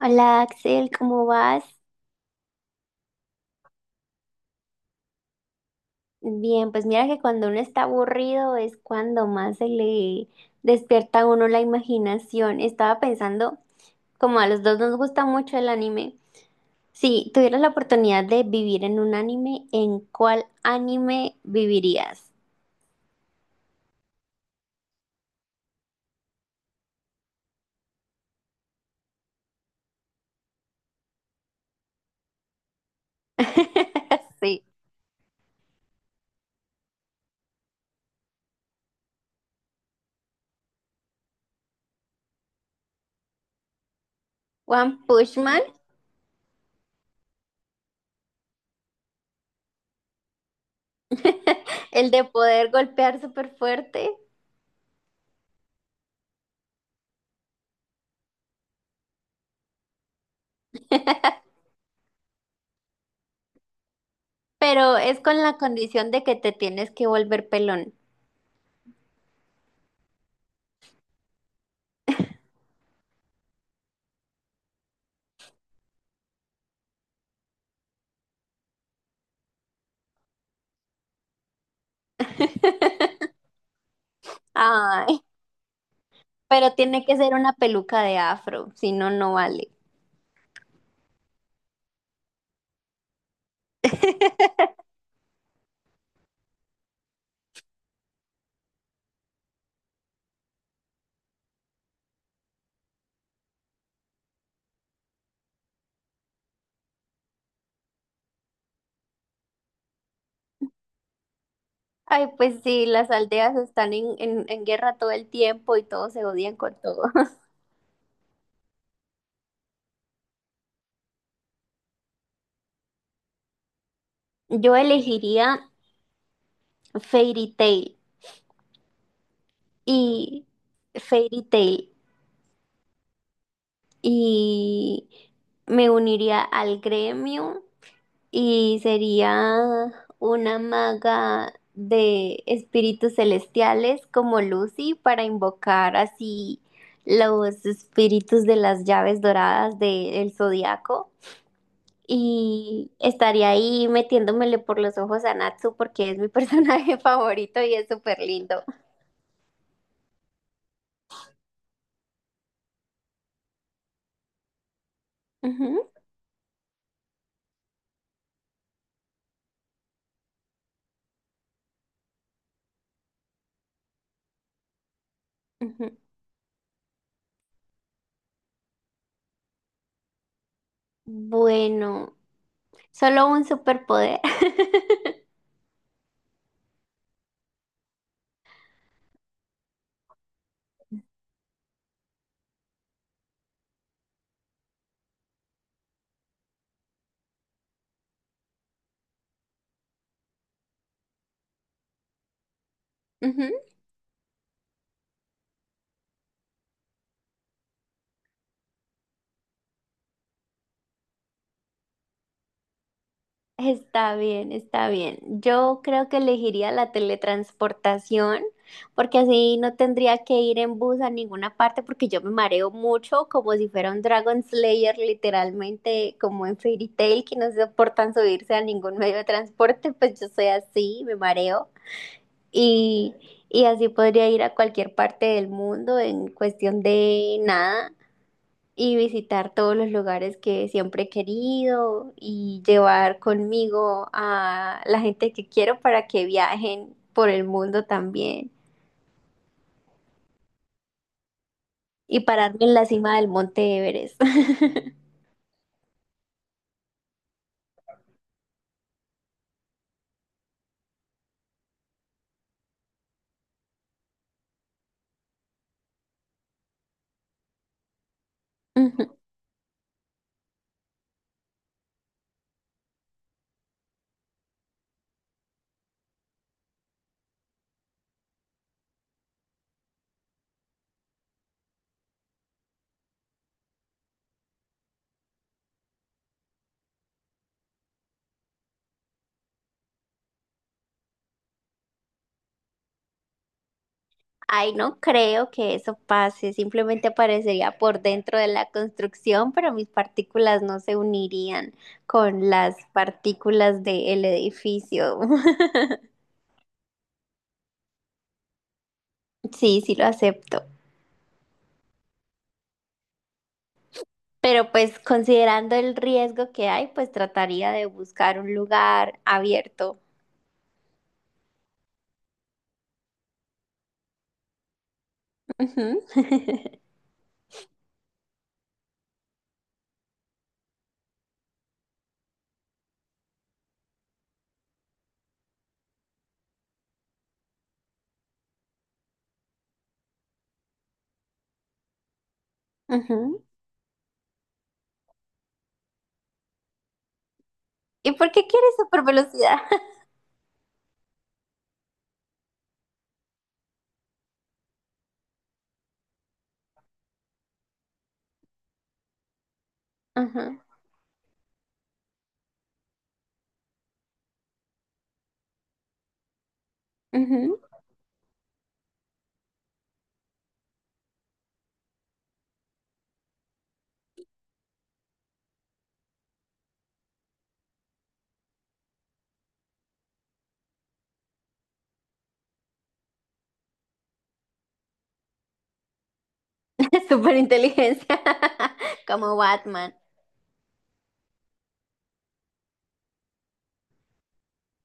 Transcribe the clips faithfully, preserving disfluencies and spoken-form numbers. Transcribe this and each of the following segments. Hola Axel, ¿cómo vas? Bien, pues mira que cuando uno está aburrido es cuando más se le despierta a uno la imaginación. Estaba pensando, como a los dos nos gusta mucho el anime, si tuvieras la oportunidad de vivir en un anime, ¿en cuál anime vivirías? Sí, One Punch Man, el de poder golpear súper fuerte, pero es con la condición de que te tienes que volver pelón. Ay. Pero tiene que ser una peluca de afro, si no, no vale. Ay, pues sí, las aldeas están en, en- en guerra todo el tiempo y todos se odian con todo. Yo elegiría Fairy Tail y Fairy Tail y me uniría al gremio. Y sería una maga de espíritus celestiales como Lucy para invocar así los espíritus de las llaves doradas del zodiaco. Y estaría ahí metiéndomele por los ojos a Natsu porque es mi personaje favorito y es súper lindo. Ujú, ujú. Bueno, solo un superpoder. Ujú. Está bien, está bien. Yo creo que elegiría la teletransportación porque así no tendría que ir en bus a ninguna parte porque yo me mareo mucho como si fuera un Dragon Slayer, literalmente como en Fairy Tail que no soportan subirse a ningún medio de transporte. Pues yo soy así, me mareo y, y así podría ir a cualquier parte del mundo en cuestión de nada y visitar todos los lugares que siempre he querido y llevar conmigo a la gente que quiero para que viajen por el mundo también y pararme en la cima del monte Everest. Ujú. Ay, no creo que eso pase, simplemente aparecería por dentro de la construcción, pero mis partículas no se unirían con las partículas del edificio. Sí, sí lo acepto. Pero pues considerando el riesgo que hay, pues trataría de buscar un lugar abierto. Ujú. Ujú. ¿Y por qué quieres super velocidad? Ajá, ujú. Super inteligencia, como Batman.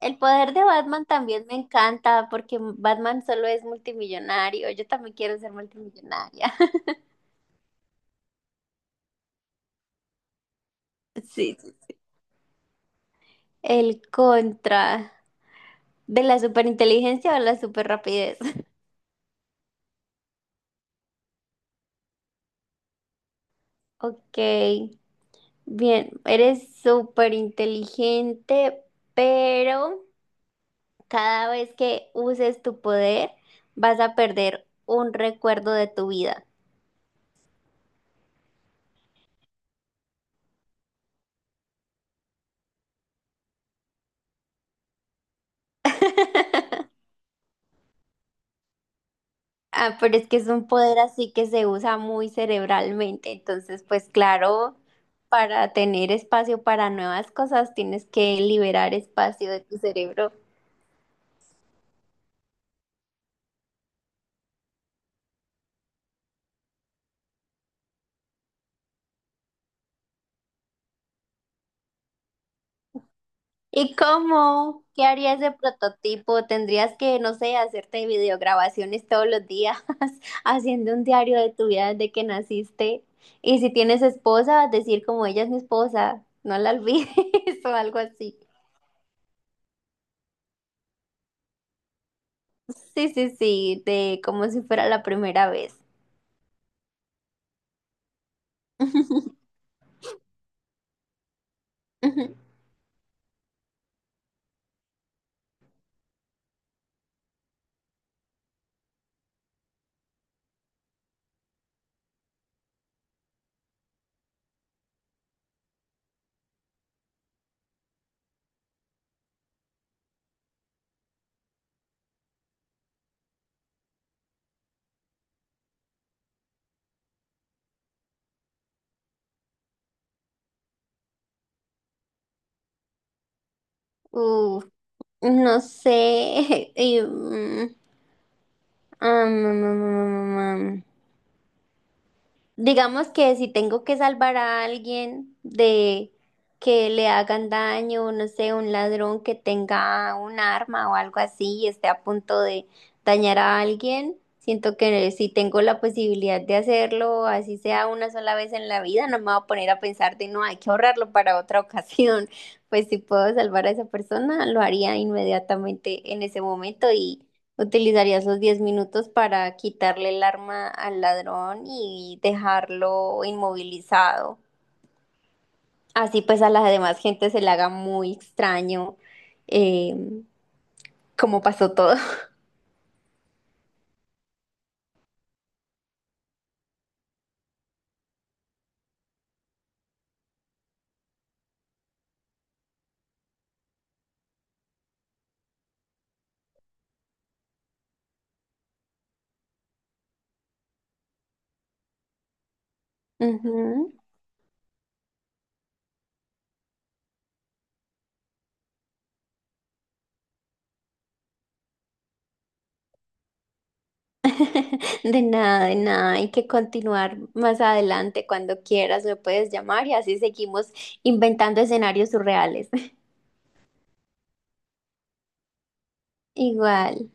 El poder de Batman también me encanta porque Batman solo es multimillonario. Yo también quiero ser multimillonaria. Sí, sí. El contra de la superinteligencia o la superrapidez. Ok. Bien, eres súper inteligente, pero cada vez que uses tu poder vas a perder un recuerdo de tu vida. Ah, pero es que es un poder así que se usa muy cerebralmente, entonces pues claro, para tener espacio para nuevas cosas tienes que liberar espacio de tu cerebro. ¿Y cómo? ¿Qué harías de prototipo? Tendrías que, no sé, hacerte videograbaciones todos los días, haciendo un diario de tu vida desde que naciste. Y si tienes esposa, decir como ella es mi esposa, no la olvides o algo así. Sí, sí, sí, de como si fuera la primera vez. Uf, no sé. y, mm, am, am, am, am, am, am. Digamos que si tengo que salvar a alguien de que le hagan daño, no sé, un ladrón que tenga un arma o algo así y esté a punto de dañar a alguien, siento que si tengo la posibilidad de hacerlo, así sea una sola vez en la vida, no me voy a poner a pensar de no, hay que ahorrarlo para otra ocasión. Pues si puedo salvar a esa persona, lo haría inmediatamente en ese momento y ¿utilizarías los diez minutos para quitarle el arma al ladrón y dejarlo inmovilizado? Así pues a la demás gente se le haga muy extraño eh, cómo pasó todo. Ujú. De nada, de nada. Hay que continuar más adelante cuando quieras, me puedes llamar y así seguimos inventando escenarios surreales. Igual.